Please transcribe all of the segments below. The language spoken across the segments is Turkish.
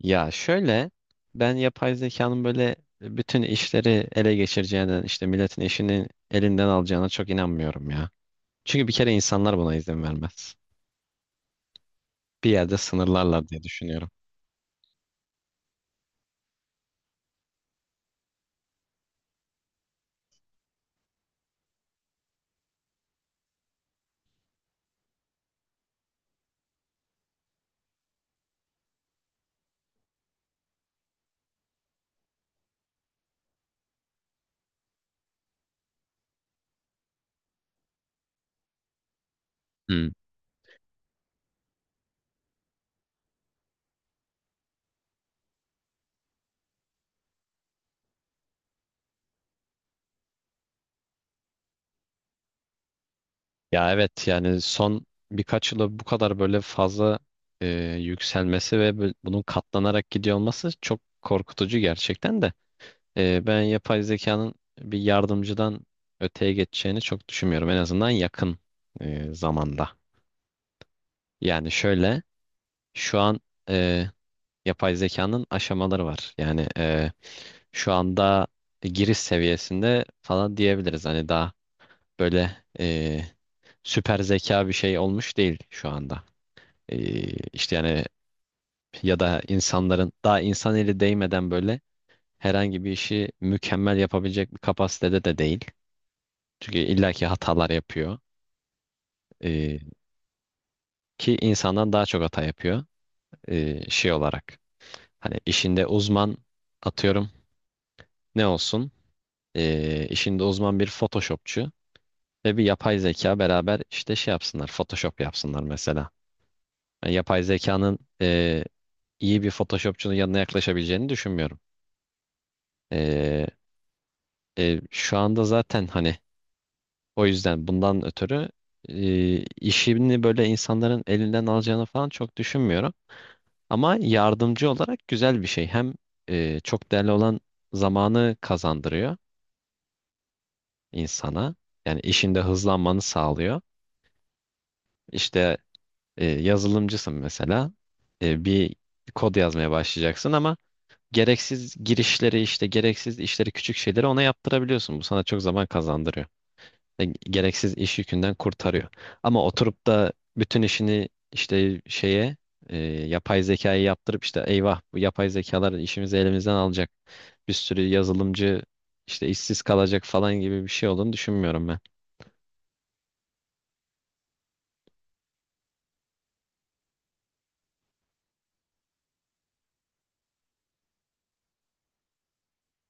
Ya şöyle, ben yapay zekanın böyle bütün işleri ele geçireceğinden milletin işini elinden alacağına çok inanmıyorum ya. Çünkü bir kere insanlar buna izin vermez. Bir yerde sınırlarlar diye düşünüyorum. Hmm. Ya evet, yani son birkaç yılda bu kadar böyle fazla e, yükselmesi ve bunun katlanarak gidiyor olması çok korkutucu gerçekten de. Ben yapay zekanın bir yardımcıdan öteye geçeceğini çok düşünmüyorum, en azından yakın zamanda. Yani şöyle. Şu an e, yapay zekanın aşamaları var. Yani şu anda giriş seviyesinde falan diyebiliriz. Hani daha böyle süper zeka bir şey olmuş değil şu anda. E, işte yani, ya da insanların daha insan eli değmeden böyle herhangi bir işi mükemmel yapabilecek bir kapasitede de değil. Çünkü illaki hatalar yapıyor. E, Ki insandan daha çok hata yapıyor şey olarak. Hani işinde uzman, atıyorum ne olsun? İşinde uzman bir Photoshopçu ve bir yapay zeka beraber işte şey yapsınlar, Photoshop yapsınlar mesela. Yani yapay zekanın iyi bir Photoshopçunun yanına yaklaşabileceğini düşünmüyorum. E, Şu anda zaten hani o yüzden, bundan ötürü işini böyle insanların elinden alacağını falan çok düşünmüyorum. Ama yardımcı olarak güzel bir şey. Hem çok değerli olan zamanı kazandırıyor insana. Yani işinde hızlanmanı sağlıyor. İşte, yazılımcısın mesela. Bir kod yazmaya başlayacaksın ama gereksiz girişleri, işte gereksiz işleri, küçük şeyleri ona yaptırabiliyorsun. Bu sana çok zaman kazandırıyor. Gereksiz iş yükünden kurtarıyor. Ama oturup da bütün işini işte şeye, yapay zekayı yaptırıp işte eyvah bu yapay zekalar işimizi elimizden alacak, bir sürü yazılımcı işte işsiz kalacak falan gibi bir şey olduğunu düşünmüyorum ben.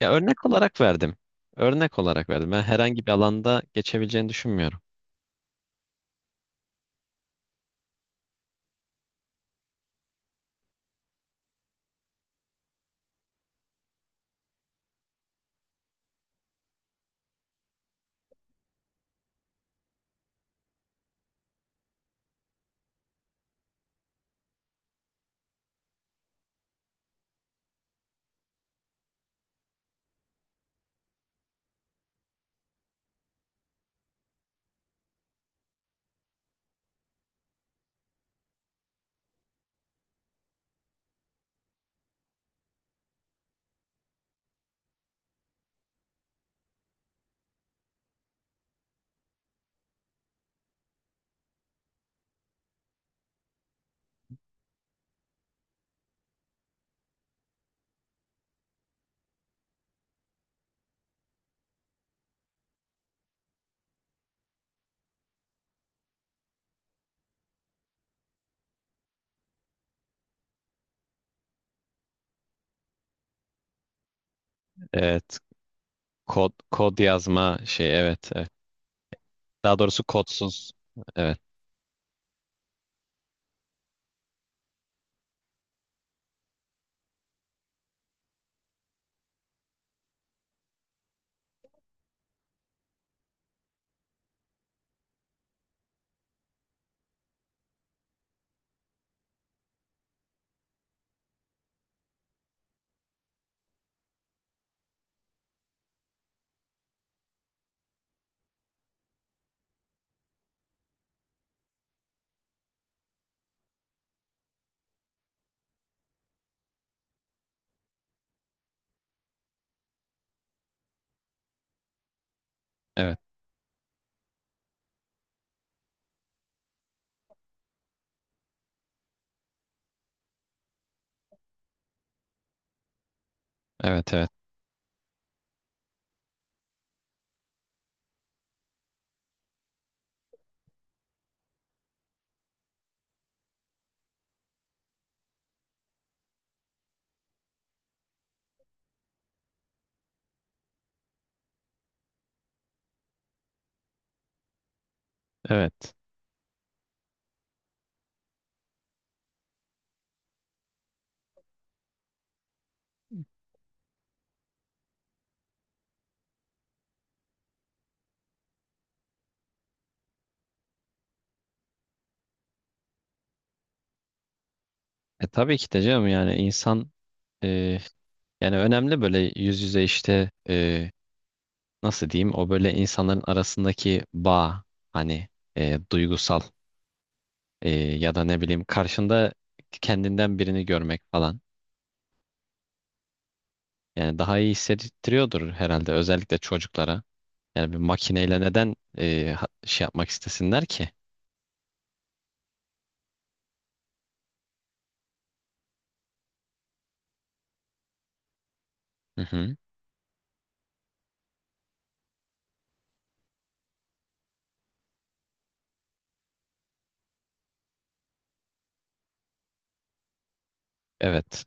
Ya örnek olarak verdim. Örnek olarak verdim. Ben herhangi bir alanda geçebileceğini düşünmüyorum. Evet. Kod, kod yazma şey, evet, evet. Daha doğrusu kodsuz. Evet. Evet. Evet. Evet. Evet. E tabii ki de canım, yani insan e, yani önemli böyle yüz yüze, işte nasıl diyeyim, o böyle insanların arasındaki bağ, hani duygusal, ya da ne bileyim karşında kendinden birini görmek falan. Yani daha iyi hissettiriyordur herhalde, özellikle çocuklara. Yani bir makineyle neden şey yapmak istesinler ki? Hı hı. Evet.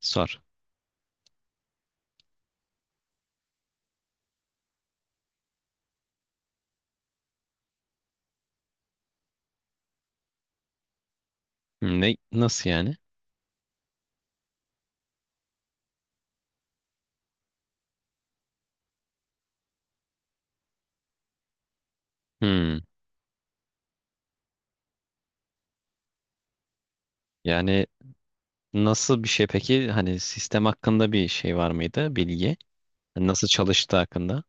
Sor. Ne nasıl yani? Hmm. Yani nasıl bir şey peki? Hani sistem hakkında bir şey var mıydı, bilgi? Hani nasıl çalıştığı hakkında?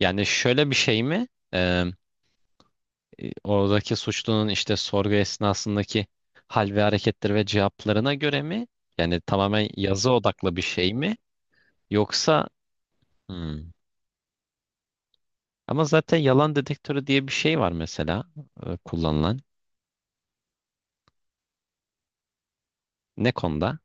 Yani şöyle bir şey mi? Ee, Oradaki suçlunun işte sorgu esnasındaki hal ve hareketleri ve cevaplarına göre mi? Yani tamamen yazı odaklı bir şey mi? Yoksa. Hmm. Ama zaten yalan dedektörü diye bir şey var mesela, kullanılan. Ne konuda?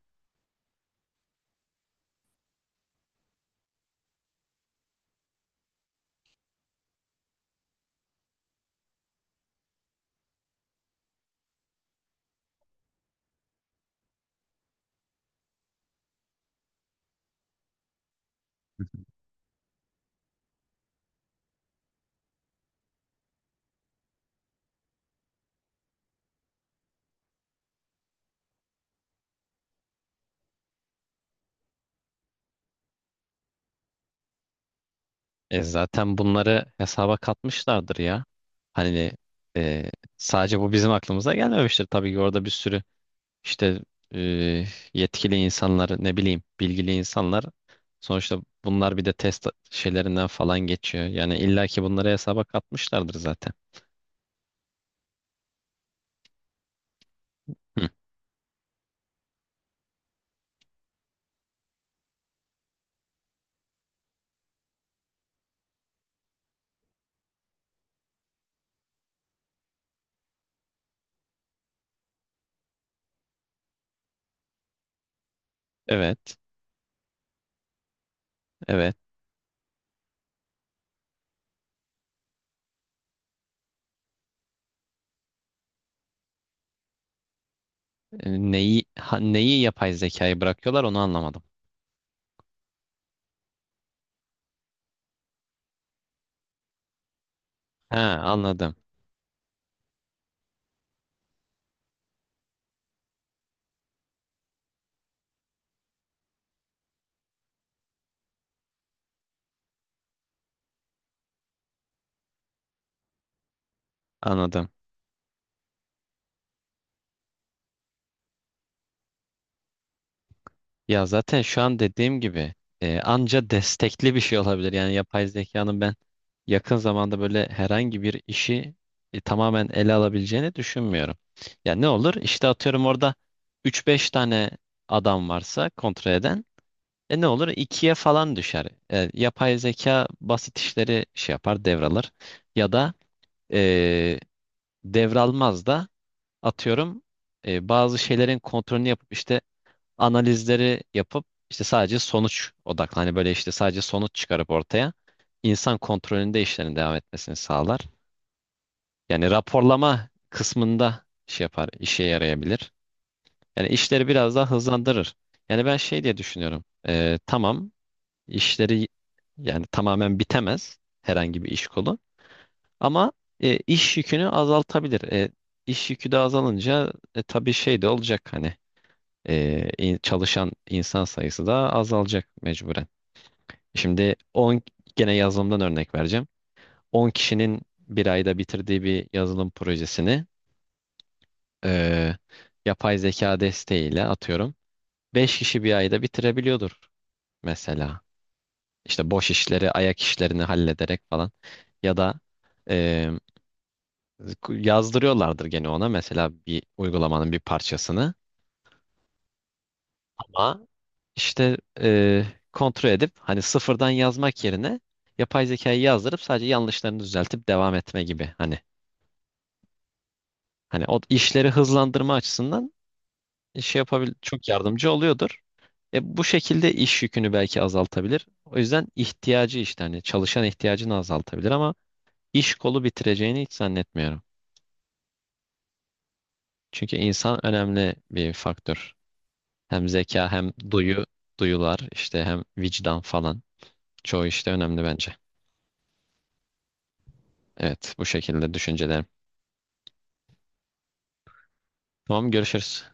Zaten bunları hesaba katmışlardır ya. Hani e, sadece bu bizim aklımıza gelmemiştir, tabii ki orada bir sürü, İşte e, yetkili insanlar, ne bileyim, bilgili insanlar, sonuçta bunlar bir de test şeylerinden falan geçiyor. Yani illaki bunları hesaba katmışlardır zaten. Hı. Evet, evet. Neyi, neyi yapay zekayı bırakıyorlar, onu anlamadım. Ha, anladım. Anladım. Ya zaten şu an dediğim gibi anca destekli bir şey olabilir. Yani yapay zekanın ben yakın zamanda böyle herhangi bir işi tamamen ele alabileceğini düşünmüyorum. Ya ne olur? İşte atıyorum orada üç beş tane adam varsa kontrol eden. E ne olur? ikiye falan düşer. Yapay zeka basit işleri şey yapar, devralır. Ya da e, devralmaz da, atıyorum bazı şeylerin kontrolünü yapıp işte analizleri yapıp işte sadece sonuç odaklı. Hani böyle işte sadece sonuç çıkarıp ortaya, insan kontrolünde işlerin devam etmesini sağlar. Yani raporlama kısmında şey yapar, işe yarayabilir. Yani işleri biraz daha hızlandırır. Yani ben şey diye düşünüyorum. Tamam, işleri, yani tamamen bitemez herhangi bir iş kolu ama iş yükünü azaltabilir. İş yükü de azalınca tabii şey de olacak, hani çalışan insan sayısı da azalacak mecburen. Şimdi 10, gene yazılımdan örnek vereceğim. 10 kişinin bir ayda bitirdiği bir yazılım projesini e, yapay zeka desteğiyle atıyorum 5 kişi bir ayda bitirebiliyordur mesela. İşte boş işleri, ayak işlerini hallederek falan. Ya da e, yazdırıyorlardır gene ona mesela bir uygulamanın bir parçasını. Ama İşte kontrol edip hani sıfırdan yazmak yerine yapay zekayı yazdırıp sadece yanlışlarını düzeltip devam etme gibi, hani o işleri hızlandırma açısından şey yapabil, çok yardımcı oluyordur. Bu şekilde iş yükünü belki azaltabilir. O yüzden ihtiyacı, işte hani çalışan ihtiyacını azaltabilir ama iş kolu bitireceğini hiç zannetmiyorum. Çünkü insan önemli bir faktör. Hem zeka hem duyu, duyular, işte hem vicdan falan. Çoğu işte önemli bence. Evet, bu şekilde düşüncelerimi. Tamam, görüşürüz.